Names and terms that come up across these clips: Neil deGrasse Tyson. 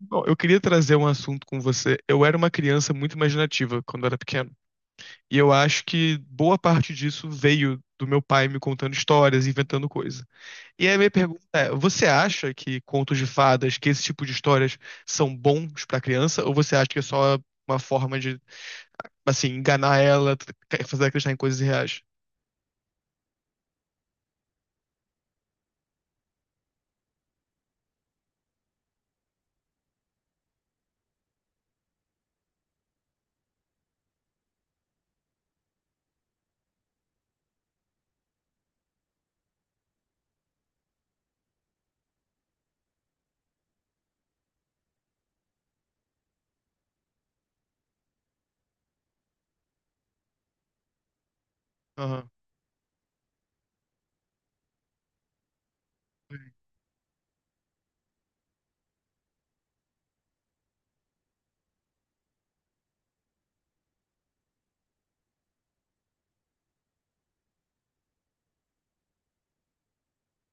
Bom, eu queria trazer um assunto com você. Eu era uma criança muito imaginativa quando eu era pequeno. E eu acho que boa parte disso veio do meu pai me contando histórias, inventando coisa. E aí a minha pergunta é: você acha que contos de fadas, que esse tipo de histórias são bons pra criança? Ou você acha que é só uma forma de, assim, enganar ela, fazer ela acreditar em coisas reais? Aham.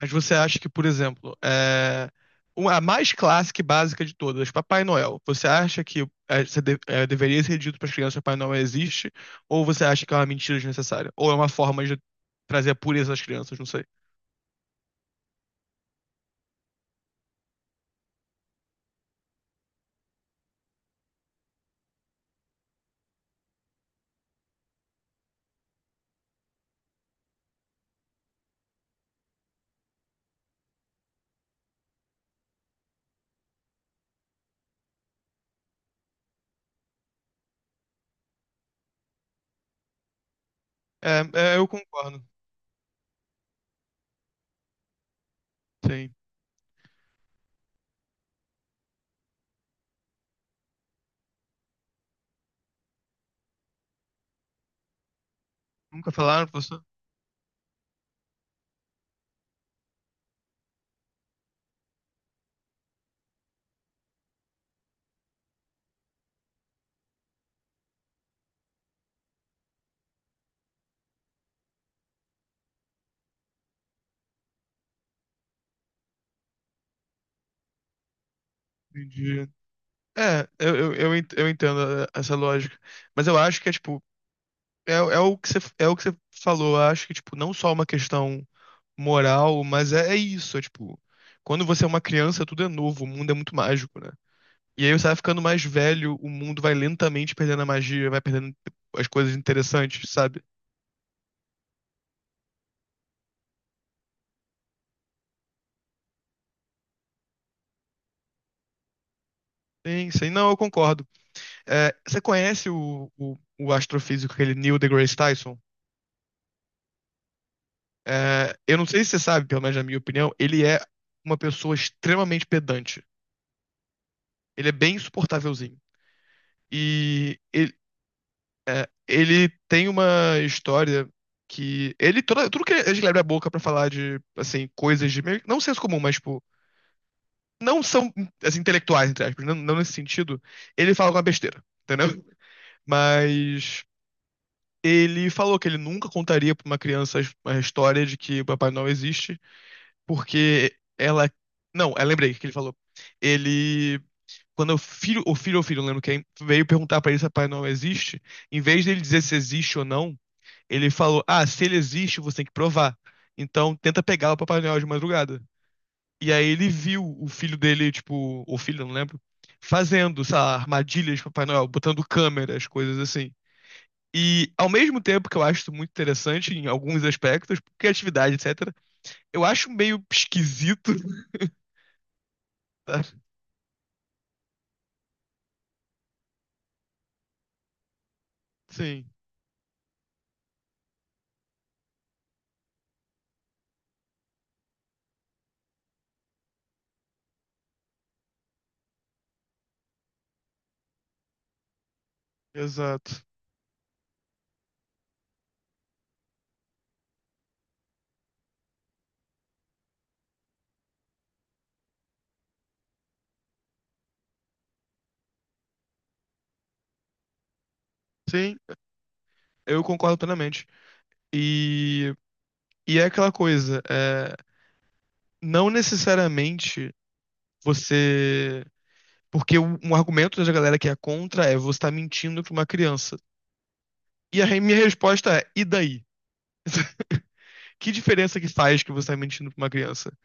Mas você acha que, por exemplo, a mais clássica e básica de todas, Papai Noel, você acha que é, é, deveria ser dito para as crianças que Papai Noel existe? Ou você acha que é uma mentira desnecessária? Ou é uma forma de trazer a pureza às crianças? Não sei. É, é, eu concordo. Sim. Nunca falaram pra você? Entendi. Eu entendo essa lógica. Mas eu acho que é, tipo, é o que você falou. Eu acho que, tipo, não só uma questão moral, mas é, é isso. É, tipo, quando você é uma criança, tudo é novo, o mundo é muito mágico, né? E aí você vai ficando mais velho, o mundo vai lentamente perdendo a magia, vai perdendo tipo, as coisas interessantes, sabe? Sim, sim. Não, eu concordo. É, você conhece o astrofísico, aquele Neil deGrasse Tyson? É, eu não sei se você sabe, pelo menos na minha opinião, ele é uma pessoa extremamente pedante. Ele é bem insuportávelzinho. E ele, é, ele tem uma história que ele toda, tudo que ele abre a boca pra falar de assim coisas de meio, não senso comum, mas tipo, não são as intelectuais entre aspas, não, não nesse sentido. Ele fala uma besteira, entendeu? Mas ele falou que ele nunca contaria pra uma criança a história de que o Papai Noel existe, porque ela não, eu lembrei o que ele falou. Ele quando o filho ou filho, não lembro quem, veio perguntar pra ele se o Papai Noel existe, em vez dele dizer se existe ou não, ele falou: Ah, se ele existe, você tem que provar. Então tenta pegar o Papai Noel de madrugada. E aí ele viu o filho dele, tipo, ou filho, eu não lembro, fazendo, sei lá, armadilhas de Papai Noel, botando câmeras, coisas assim. E ao mesmo tempo que eu acho isso muito interessante em alguns aspectos, criatividade, etc., eu acho meio esquisito. Sabe? Sim, exato. Sim, eu concordo plenamente. E, e é aquela coisa, é, não necessariamente você. Porque um argumento da galera que é contra é você tá mentindo pra uma criança. E minha resposta é, e daí? Que diferença que faz que você tá mentindo pra uma criança?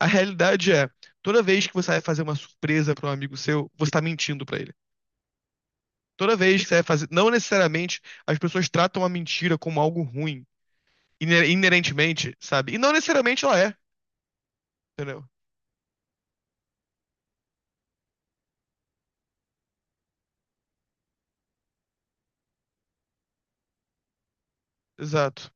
A realidade é, toda vez que você vai fazer uma surpresa pra um amigo seu, você tá mentindo pra ele. Toda vez que você vai fazer, não necessariamente as pessoas tratam a mentira como algo ruim, inerentemente, sabe? E não necessariamente ela é, entendeu? Exato.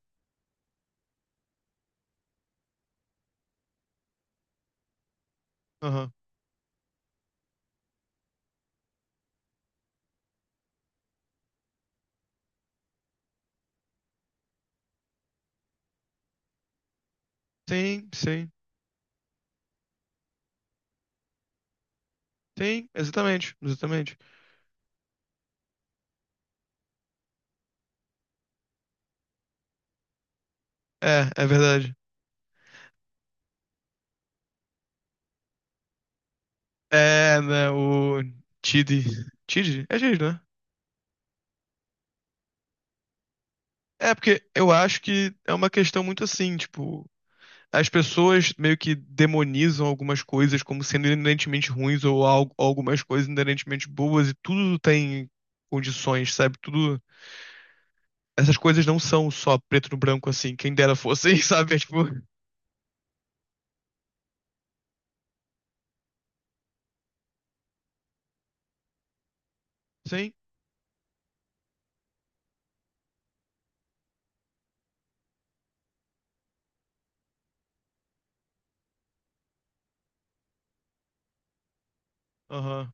Aham. Sim, sim. Sim, exatamente, exatamente. É, é verdade. É, né, o Tid. Tid? É Tid, né? É, porque eu acho que é uma questão muito assim, tipo, as pessoas meio que demonizam algumas coisas como sendo inerentemente ruins ou algo, algumas coisas inerentemente boas e tudo tem condições, sabe? Tudo. Essas coisas não são só preto no branco assim, quem dera fosse, sabe? É tipo, sim, aham.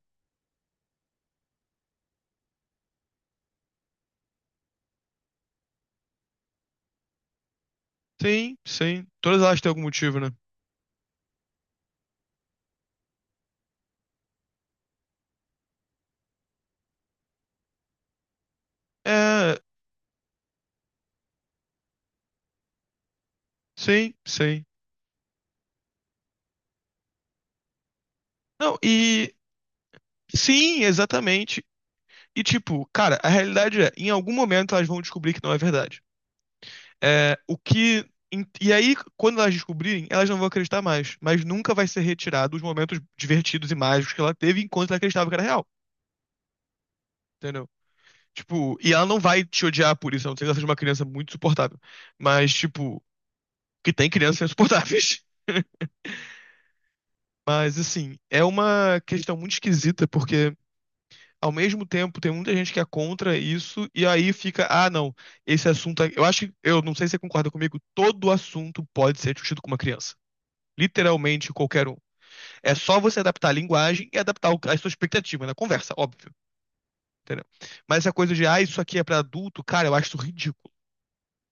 Sim, sim. Todas elas têm algum motivo, né? É, sim, sim. Não, e sim, exatamente. E, tipo, cara, a realidade é, em algum momento elas vão descobrir que não é verdade. É, o que. E aí, quando elas descobrirem, elas não vão acreditar mais. Mas nunca vai ser retirado os momentos divertidos e mágicos que ela teve enquanto ela acreditava que era real. Entendeu? Tipo, e ela não vai te odiar por isso, a não ser que ela seja uma criança muito insuportável. Mas, tipo, que tem crianças insuportáveis. Mas, assim, é uma questão muito esquisita, porque ao mesmo tempo, tem muita gente que é contra isso, e aí fica, ah, não, esse assunto. Eu acho que, eu não sei se você concorda comigo, todo assunto pode ser discutido com uma criança. Literalmente qualquer um. É só você adaptar a linguagem e adaptar a sua expectativa na conversa, óbvio. Entendeu? Mas essa coisa de, ah, isso aqui é pra adulto, cara, eu acho isso ridículo,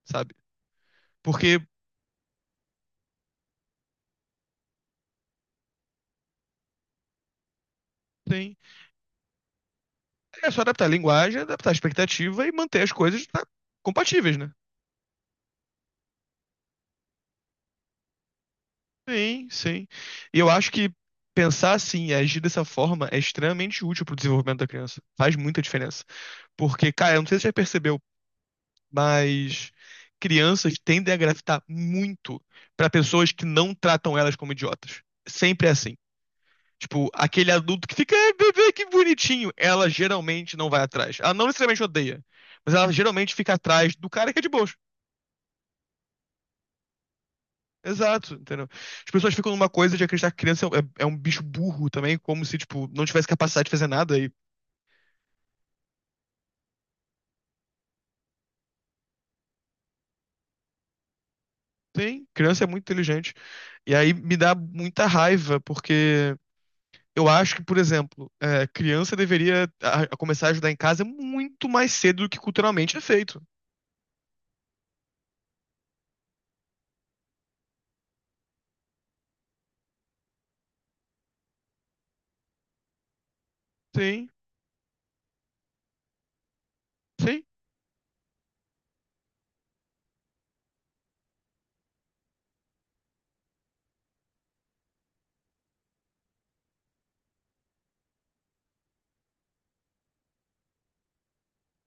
sabe? Porque tem. É só adaptar a linguagem, adaptar a expectativa e manter as coisas tá, compatíveis, né? Sim, sim. E eu acho que pensar assim e agir dessa forma é extremamente útil pro desenvolvimento da criança. Faz muita diferença. Porque, cara, eu não sei se você já percebeu, mas crianças tendem a gravitar muito pra pessoas que não tratam elas como idiotas. Sempre é assim. Tipo, aquele adulto que fica, ai, bebê, que bonitinho. Ela geralmente não vai atrás. Ela não necessariamente odeia, mas ela geralmente fica atrás do cara que é de boa. Exato, entendeu? As pessoas ficam numa coisa de acreditar que criança é, é um bicho burro também, como se, tipo, não tivesse capacidade de fazer nada. E tem, criança é muito inteligente. E aí me dá muita raiva, porque eu acho que, por exemplo, é, criança deveria a começar a ajudar em casa muito mais cedo do que culturalmente é feito. Sim, sim.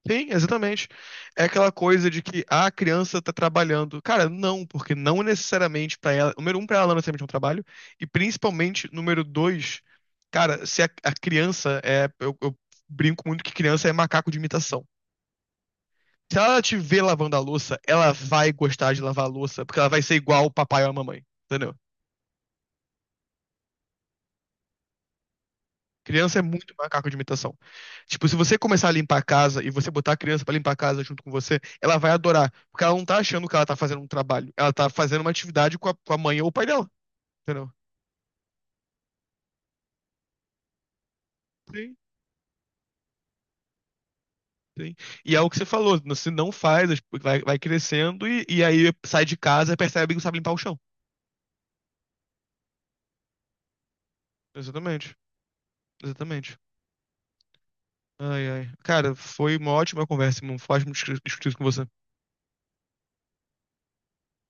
Sim, exatamente. É aquela coisa de que ah, a criança tá trabalhando. Cara, não, porque não necessariamente pra ela. Número um, pra ela não é necessariamente é um trabalho. E principalmente, número dois, cara, se a criança é. Eu brinco muito que criança é macaco de imitação. Se ela te vê lavando a louça, ela vai gostar de lavar a louça, porque ela vai ser igual o papai ou a mamãe. Entendeu? Criança é muito macaco de imitação. Tipo, se você começar a limpar a casa e você botar a criança pra limpar a casa junto com você, ela vai adorar. Porque ela não tá achando que ela tá fazendo um trabalho. Ela tá fazendo uma atividade com com a mãe ou o pai dela. Entendeu? Sim, sim. E é o que você falou. Você não faz, vai crescendo e aí sai de casa e percebe que não sabe limpar o chão. Exatamente. Exatamente. Ai, ai. Cara, foi uma ótima conversa, irmão. Foi ótimo discutir isso com você.